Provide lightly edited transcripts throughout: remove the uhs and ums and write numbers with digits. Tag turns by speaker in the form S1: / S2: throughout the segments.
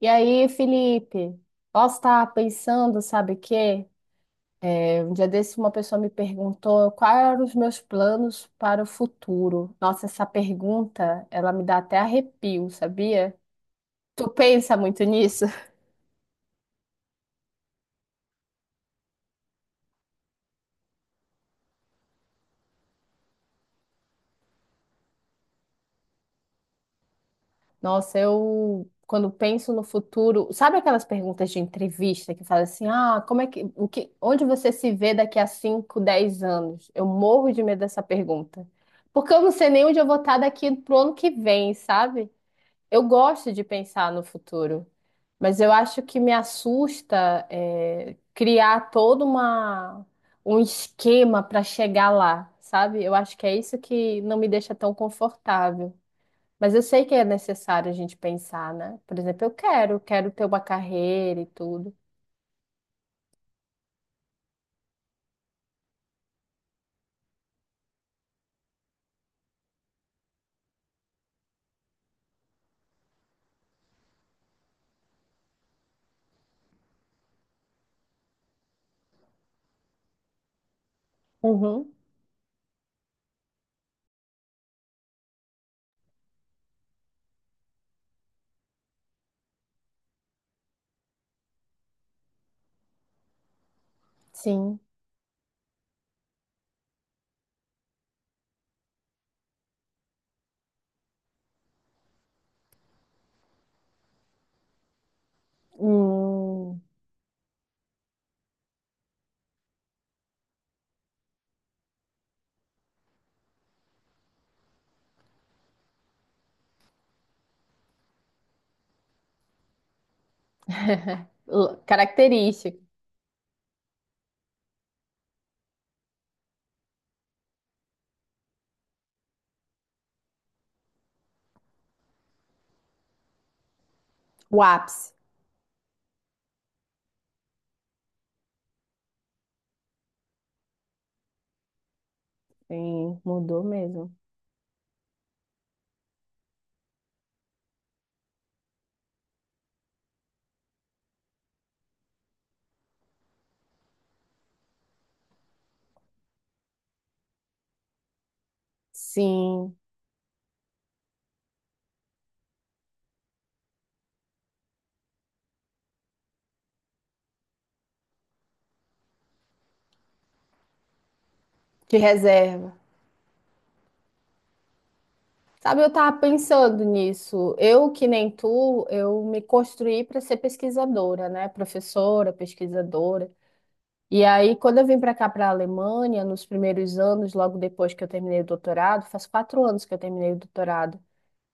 S1: E aí, Felipe? Posso estar pensando, sabe o quê? Um dia desse uma pessoa me perguntou quais eram os meus planos para o futuro. Nossa, essa pergunta, ela me dá até arrepio, sabia? Tu pensa muito nisso? Nossa, eu quando penso no futuro, sabe aquelas perguntas de entrevista que fala assim: "Ah, como é que, o que, onde você se vê daqui a 5, 10 anos?" Eu morro de medo dessa pergunta. Porque eu não sei nem onde eu vou estar daqui pro ano que vem, sabe? Eu gosto de pensar no futuro, mas eu acho que me assusta criar um esquema para chegar lá, sabe? Eu acho que é isso que não me deixa tão confortável. Mas eu sei que é necessário a gente pensar, né? Por exemplo, quero ter uma carreira e tudo. Uhum, sim. Hum, l- característica, o ápice. Sim, mudou mesmo. Sim, de reserva. Sabe, eu tava pensando nisso. Eu, que nem tu, eu me construí para ser pesquisadora, né? Professora, pesquisadora. E aí, quando eu vim para cá, para a Alemanha, nos primeiros anos, logo depois que eu terminei o doutorado, faz quatro anos que eu terminei o doutorado,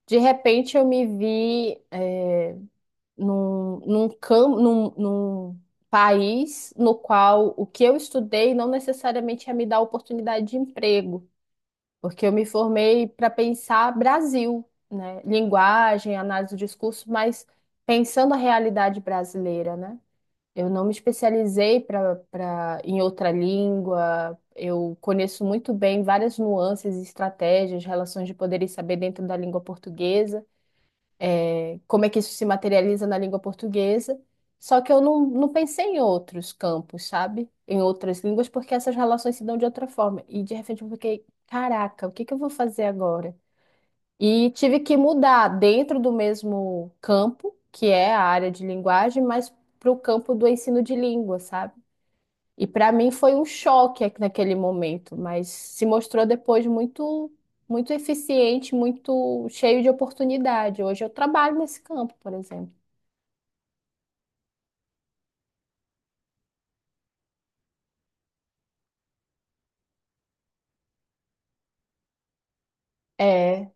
S1: de repente eu me vi num país no qual o que eu estudei não necessariamente ia me dar oportunidade de emprego porque eu me formei para pensar Brasil, né? Linguagem, análise do discurso, mas pensando a realidade brasileira, né? Eu não me especializei para em outra língua. Eu conheço muito bem várias nuances, estratégias, relações de poder e saber dentro da língua portuguesa, como é que isso se materializa na língua portuguesa. Só que eu não, não pensei em outros campos, sabe? Em outras línguas, porque essas relações se dão de outra forma. E de repente eu fiquei, caraca, o que que eu vou fazer agora? E tive que mudar dentro do mesmo campo, que é a área de linguagem, mas para o campo do ensino de língua, sabe? E para mim foi um choque aqui naquele momento, mas se mostrou depois muito eficiente, muito cheio de oportunidade. Hoje eu trabalho nesse campo, por exemplo. É,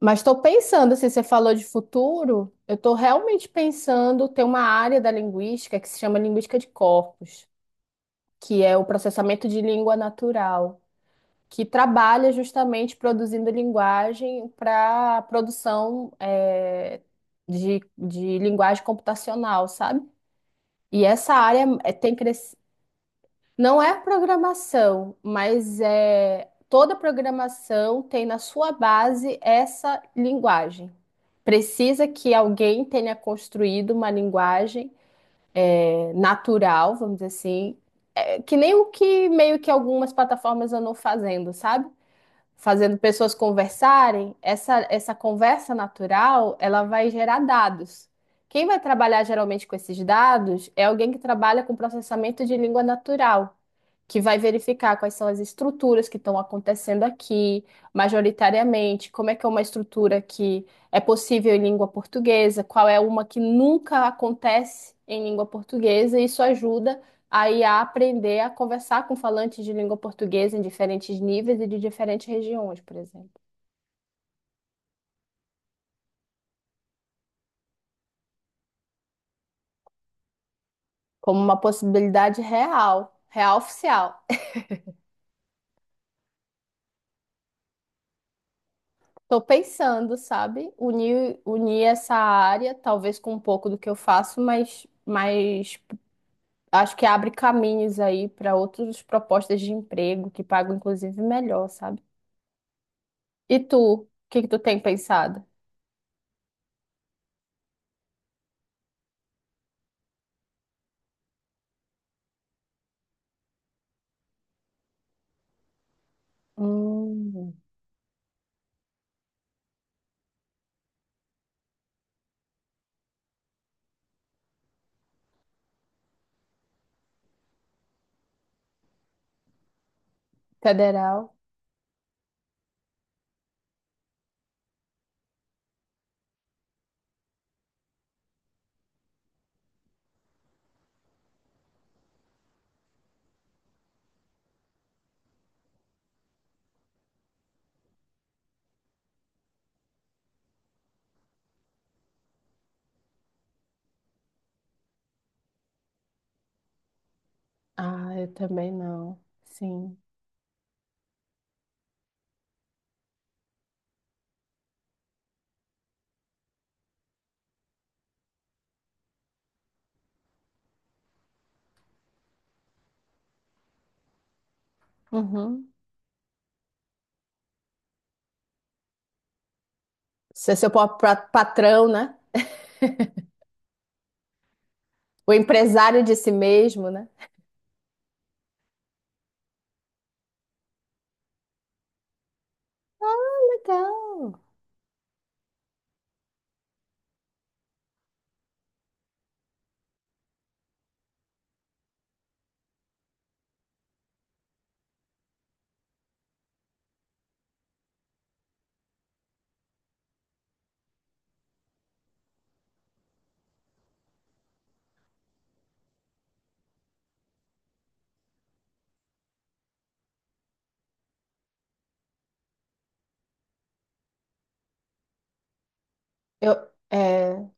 S1: mas estou pensando, assim, você falou de futuro, eu estou realmente pensando ter uma área da linguística que se chama linguística de corpos, que é o processamento de língua natural, que trabalha justamente produzindo linguagem para produção, de linguagem computacional, sabe? E essa área tem crescido. Não é programação, mas é toda programação tem na sua base essa linguagem. Precisa que alguém tenha construído uma linguagem natural, vamos dizer assim, é, que nem o que meio que algumas plataformas andam fazendo, sabe? Fazendo pessoas conversarem, essa conversa natural, ela vai gerar dados. Quem vai trabalhar geralmente com esses dados é alguém que trabalha com processamento de língua natural, que vai verificar quais são as estruturas que estão acontecendo aqui, majoritariamente, como é que é uma estrutura que é possível em língua portuguesa, qual é uma que nunca acontece em língua portuguesa, e isso ajuda a IA a aprender a conversar com falantes de língua portuguesa em diferentes níveis e de diferentes regiões, por exemplo, como uma possibilidade real, real oficial. Estou pensando, sabe, unir essa área, talvez com um pouco do que eu faço, mas mais acho que abre caminhos aí para outras propostas de emprego que pagam inclusive melhor, sabe? E tu, o que que tu tem pensado? Hum, federal? Ah, eu também não. Sim. Uhum. Ser seu próprio pra- patrão, né? O empresário de si mesmo, né? Ah, legal. Eu, é,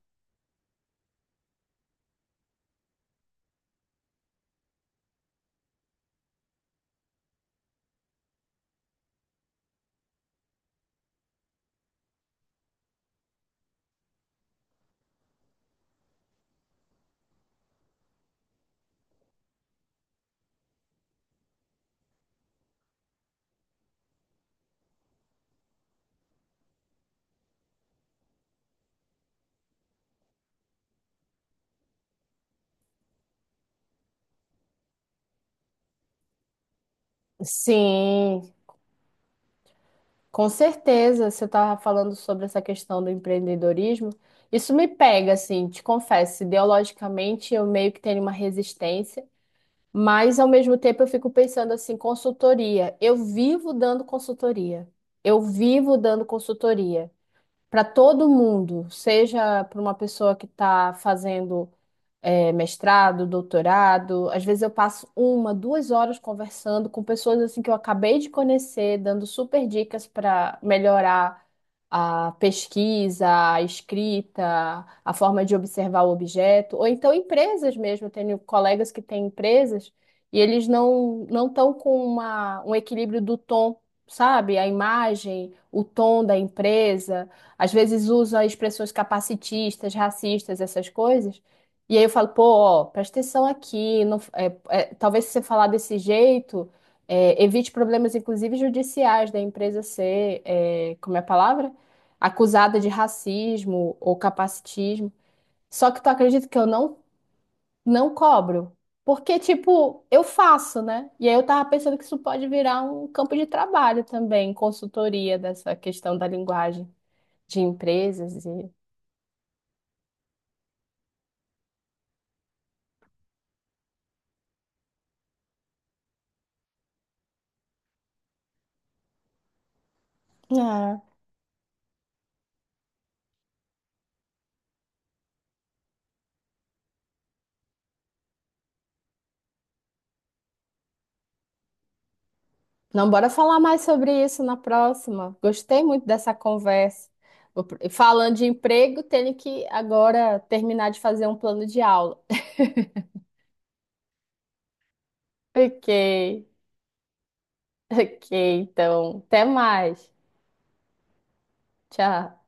S1: sim. Com certeza, você estava falando sobre essa questão do empreendedorismo. Isso me pega, assim, te confesso, ideologicamente eu meio que tenho uma resistência, mas ao mesmo tempo eu fico pensando assim, consultoria. Eu vivo dando consultoria. Eu vivo dando consultoria para todo mundo, seja para uma pessoa que está fazendo mestrado, doutorado. Às vezes eu passo uma, duas horas conversando com pessoas assim que eu acabei de conhecer, dando super dicas para melhorar a pesquisa, a escrita, a forma de observar o objeto, ou então empresas mesmo. Eu tenho colegas que têm empresas e eles não estão com uma, um equilíbrio do tom, sabe? A imagem, o tom da empresa, às vezes usa expressões capacitistas, racistas, essas coisas. E aí eu falo, pô, ó, presta atenção aqui, não, talvez se você falar desse jeito, evite problemas, inclusive judiciais, da empresa ser, é, como é a palavra? Acusada de racismo ou capacitismo. Só que tu acredita que eu não, não cobro? Porque, tipo, eu faço, né? E aí eu tava pensando que isso pode virar um campo de trabalho também, consultoria dessa questão da linguagem de empresas e... É. Não, bora falar mais sobre isso na próxima. Gostei muito dessa conversa. Vou pr- falando de emprego, tenho que agora terminar de fazer um plano de aula. Ok, ok, então, até mais. Tchau.